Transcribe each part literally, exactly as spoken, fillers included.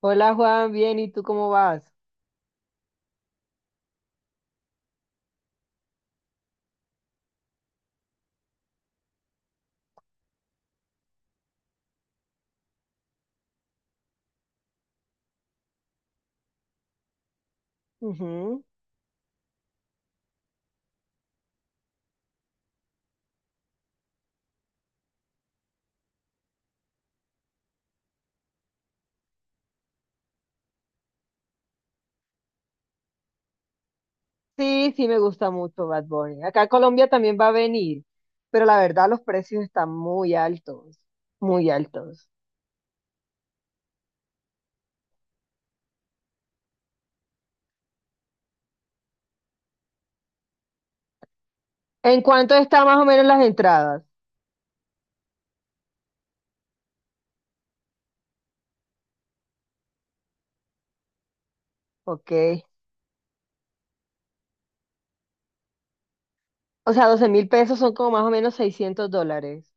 Hola Juan, bien, ¿y tú cómo vas? Ujú. Sí, sí me gusta mucho Bad Bunny. Acá a Colombia también va a venir, pero la verdad los precios están muy altos, muy altos. ¿En cuánto están más o menos las entradas? Ok. O sea, doce mil pesos son como más o menos seiscientos dólares.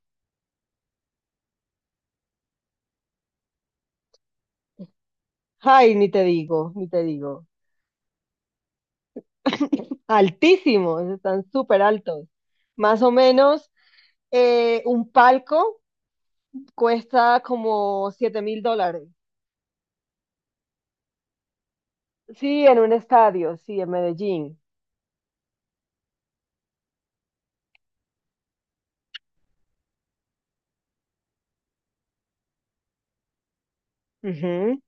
Ay, ni te digo, ni te digo. Altísimos, están súper altos. Más o menos eh, un palco cuesta como siete mil dólares. Sí, en un estadio, sí, en Medellín. Ujú.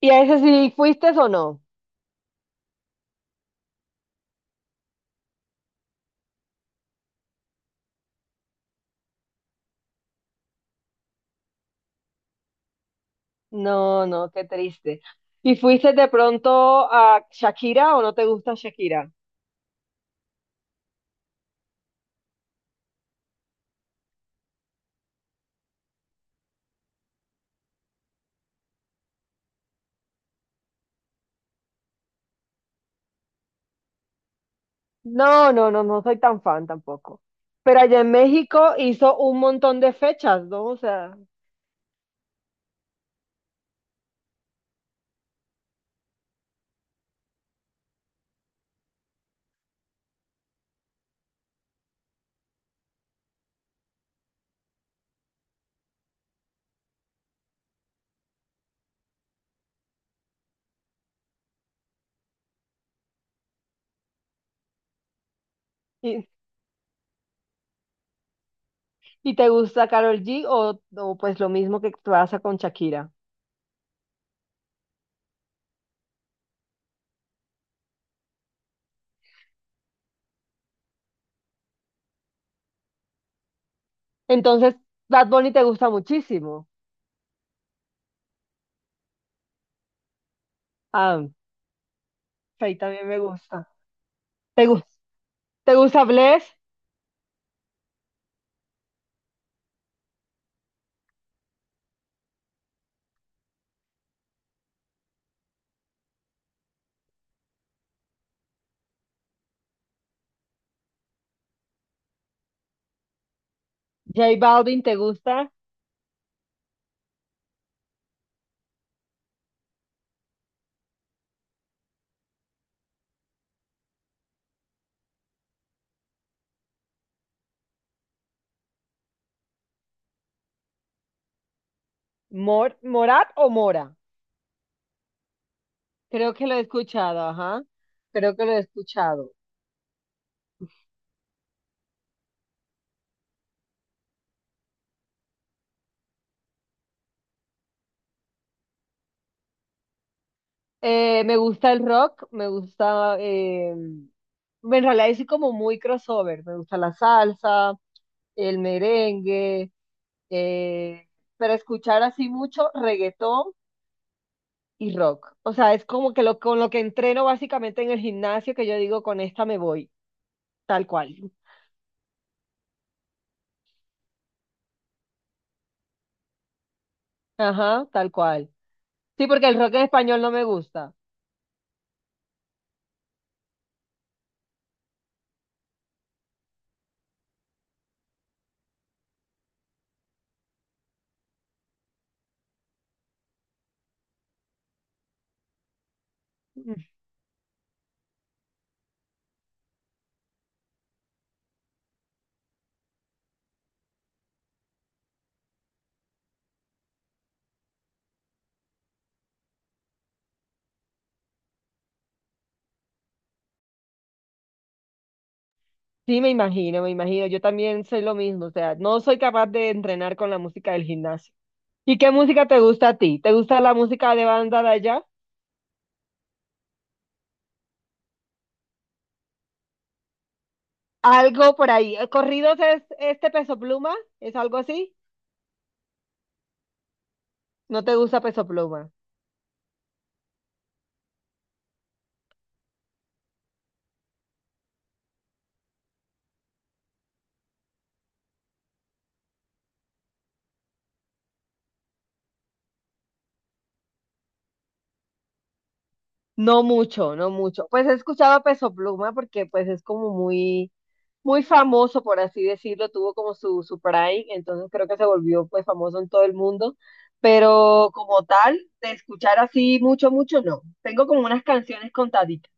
¿Y a ese sí fuiste o no? No, no, qué triste. ¿Y fuiste de pronto a Shakira o no te gusta Shakira? No, no, no, no soy tan fan tampoco. Pero allá en México hizo un montón de fechas, ¿no? O sea, ¿y, y te gusta Karol G o, o pues lo mismo que pasa con Shakira? Entonces, Bad Bunny te gusta muchísimo. Ah, ahí también me gusta. ¿Te, gu- Te gusta Bless? J Balvin, ¿te gusta? Mor ¿Morat o Mora? Creo que lo he escuchado, ajá. Creo que lo he escuchado. Eh, me gusta el rock, me gusta, eh, en realidad es como muy crossover. Me gusta la salsa, el merengue, eh, pero escuchar así mucho reggaetón y rock. O sea, es como que lo, con lo que entreno básicamente en el gimnasio, que yo digo, con esta me voy, tal cual. Ajá, tal cual. Sí, porque el rock en español no me gusta. Sí, me imagino, me imagino. Yo también soy lo mismo, o sea, no soy capaz de entrenar con la música del gimnasio. ¿Y qué música te gusta a ti? ¿Te gusta la música de banda de allá? Algo por ahí. ¿Eh, ¿Corridos es este Peso Pluma? ¿Es algo así? ¿No te gusta Peso Pluma? No mucho, no mucho. Pues he escuchado a Peso Pluma porque pues es como muy muy famoso, por así decirlo, tuvo como su, su prime, entonces creo que se volvió pues famoso en todo el mundo, pero como tal, de escuchar así mucho, mucho, no. Tengo como unas canciones contaditas.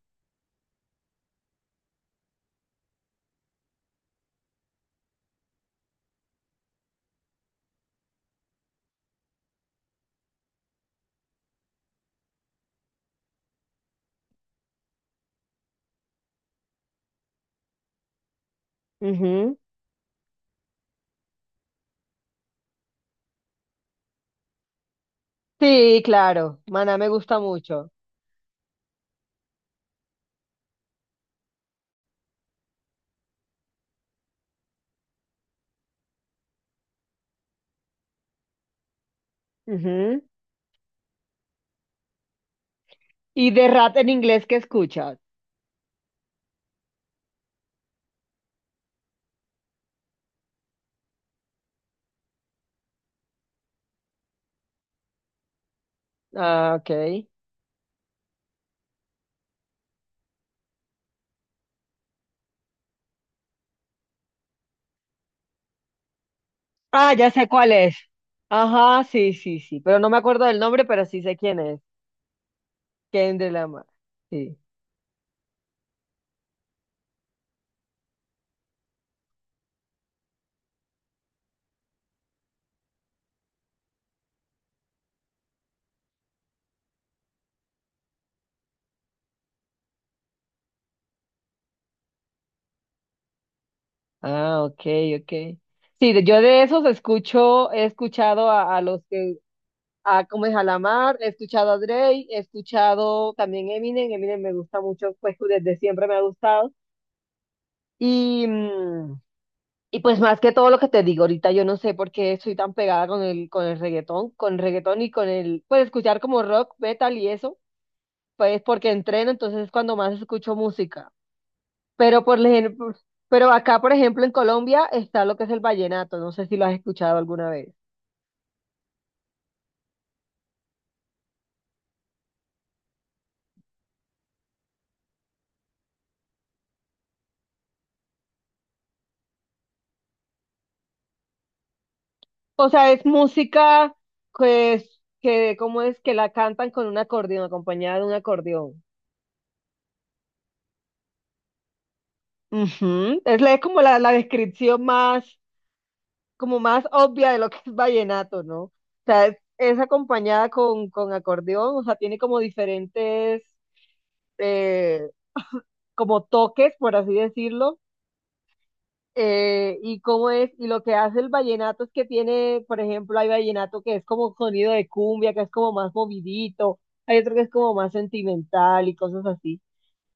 Ujú. Sí, claro. Maná me gusta mucho. Ujú. ¿Y de rap en inglés qué escuchas? Ah, ok. Ah, ya sé cuál es. Ajá, sí, sí, sí. Pero no me acuerdo del nombre, pero sí sé quién es. Kendrick Lamar. Sí. Ah, ok, ok. Sí, de- yo de esos escucho, he escuchado a, a los que, a como es a Lamar, he escuchado a Drake, he escuchado también Eminem, Eminem me gusta mucho, pues desde siempre me ha gustado. Y, mm, y pues más que todo lo que te digo ahorita, yo no sé por qué soy tan pegada con el, con el reggaetón, con el reggaetón y con el, pues escuchar como rock, metal y eso, pues porque entreno, entonces es cuando más escucho música. Pero por ejemplo, pero acá, por ejemplo, en Colombia está lo que es el vallenato. No sé si lo has escuchado alguna vez. O sea, es música pues, que, ¿cómo es? Que la cantan con un acordeón, acompañada de un acordeón. Ujú. Es, la- es como la, la descripción más, como más obvia de lo que es vallenato, ¿no? O sea, es, es acompañada con, con acordeón, o sea, tiene como diferentes, eh, como toques, por así decirlo eh, y cómo es, y lo que hace el vallenato es que tiene, por ejemplo, hay vallenato que es como sonido de cumbia, que es como más movidito, hay otro que es como más sentimental y cosas así.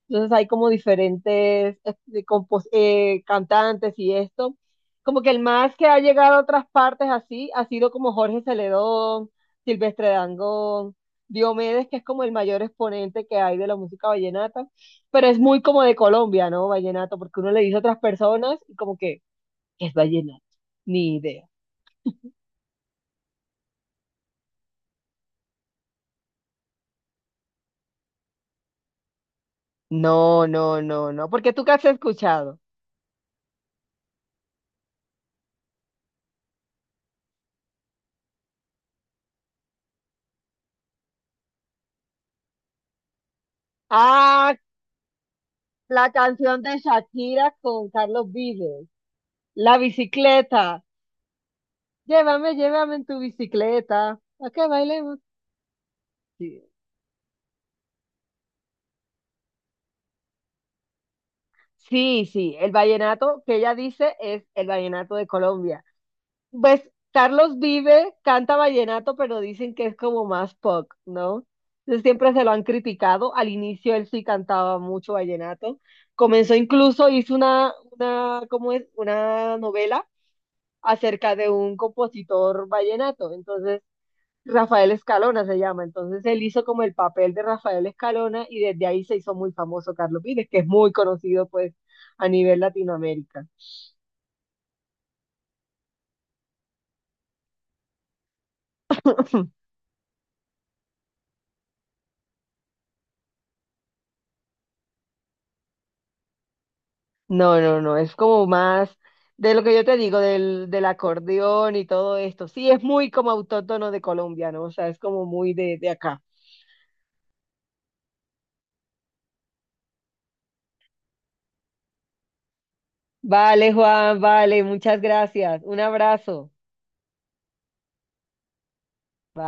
Entonces hay como diferentes eh, de compos- eh, cantantes y esto. Como que el más que ha llegado a otras partes así ha sido como Jorge Celedón, Silvestre Dangond, Diomedes, que es como el mayor exponente que hay de la música vallenata, pero es muy como de Colombia, ¿no? Vallenato, porque uno le dice a otras personas y como que que es vallenato. Ni idea. No, no, no, no, porque tú qué has escuchado. Ah, la canción de Shakira con Carlos Vives. La bicicleta. Llévame, llévame en tu bicicleta. ¿A qué bailemos? Sí. Sí, sí, el vallenato que ella dice es el vallenato de Colombia. Pues Carlos Vive canta vallenato, pero dicen que es como más pop, ¿no? Entonces siempre se lo han criticado. Al inicio él sí cantaba mucho vallenato. Comenzó incluso, hizo una, una, ¿cómo es? Una novela acerca de un compositor vallenato. Entonces, Rafael Escalona se llama. Entonces él hizo como el papel de Rafael Escalona y desde ahí se hizo muy famoso Carlos Vives, que es muy conocido pues a nivel Latinoamérica. No, no, no, es como más de lo que yo te digo, del, del acordeón y todo esto. Sí, es muy como autóctono de Colombia, ¿no? O sea, es como muy de, de acá. Vale, Juan, vale, muchas gracias. Un abrazo.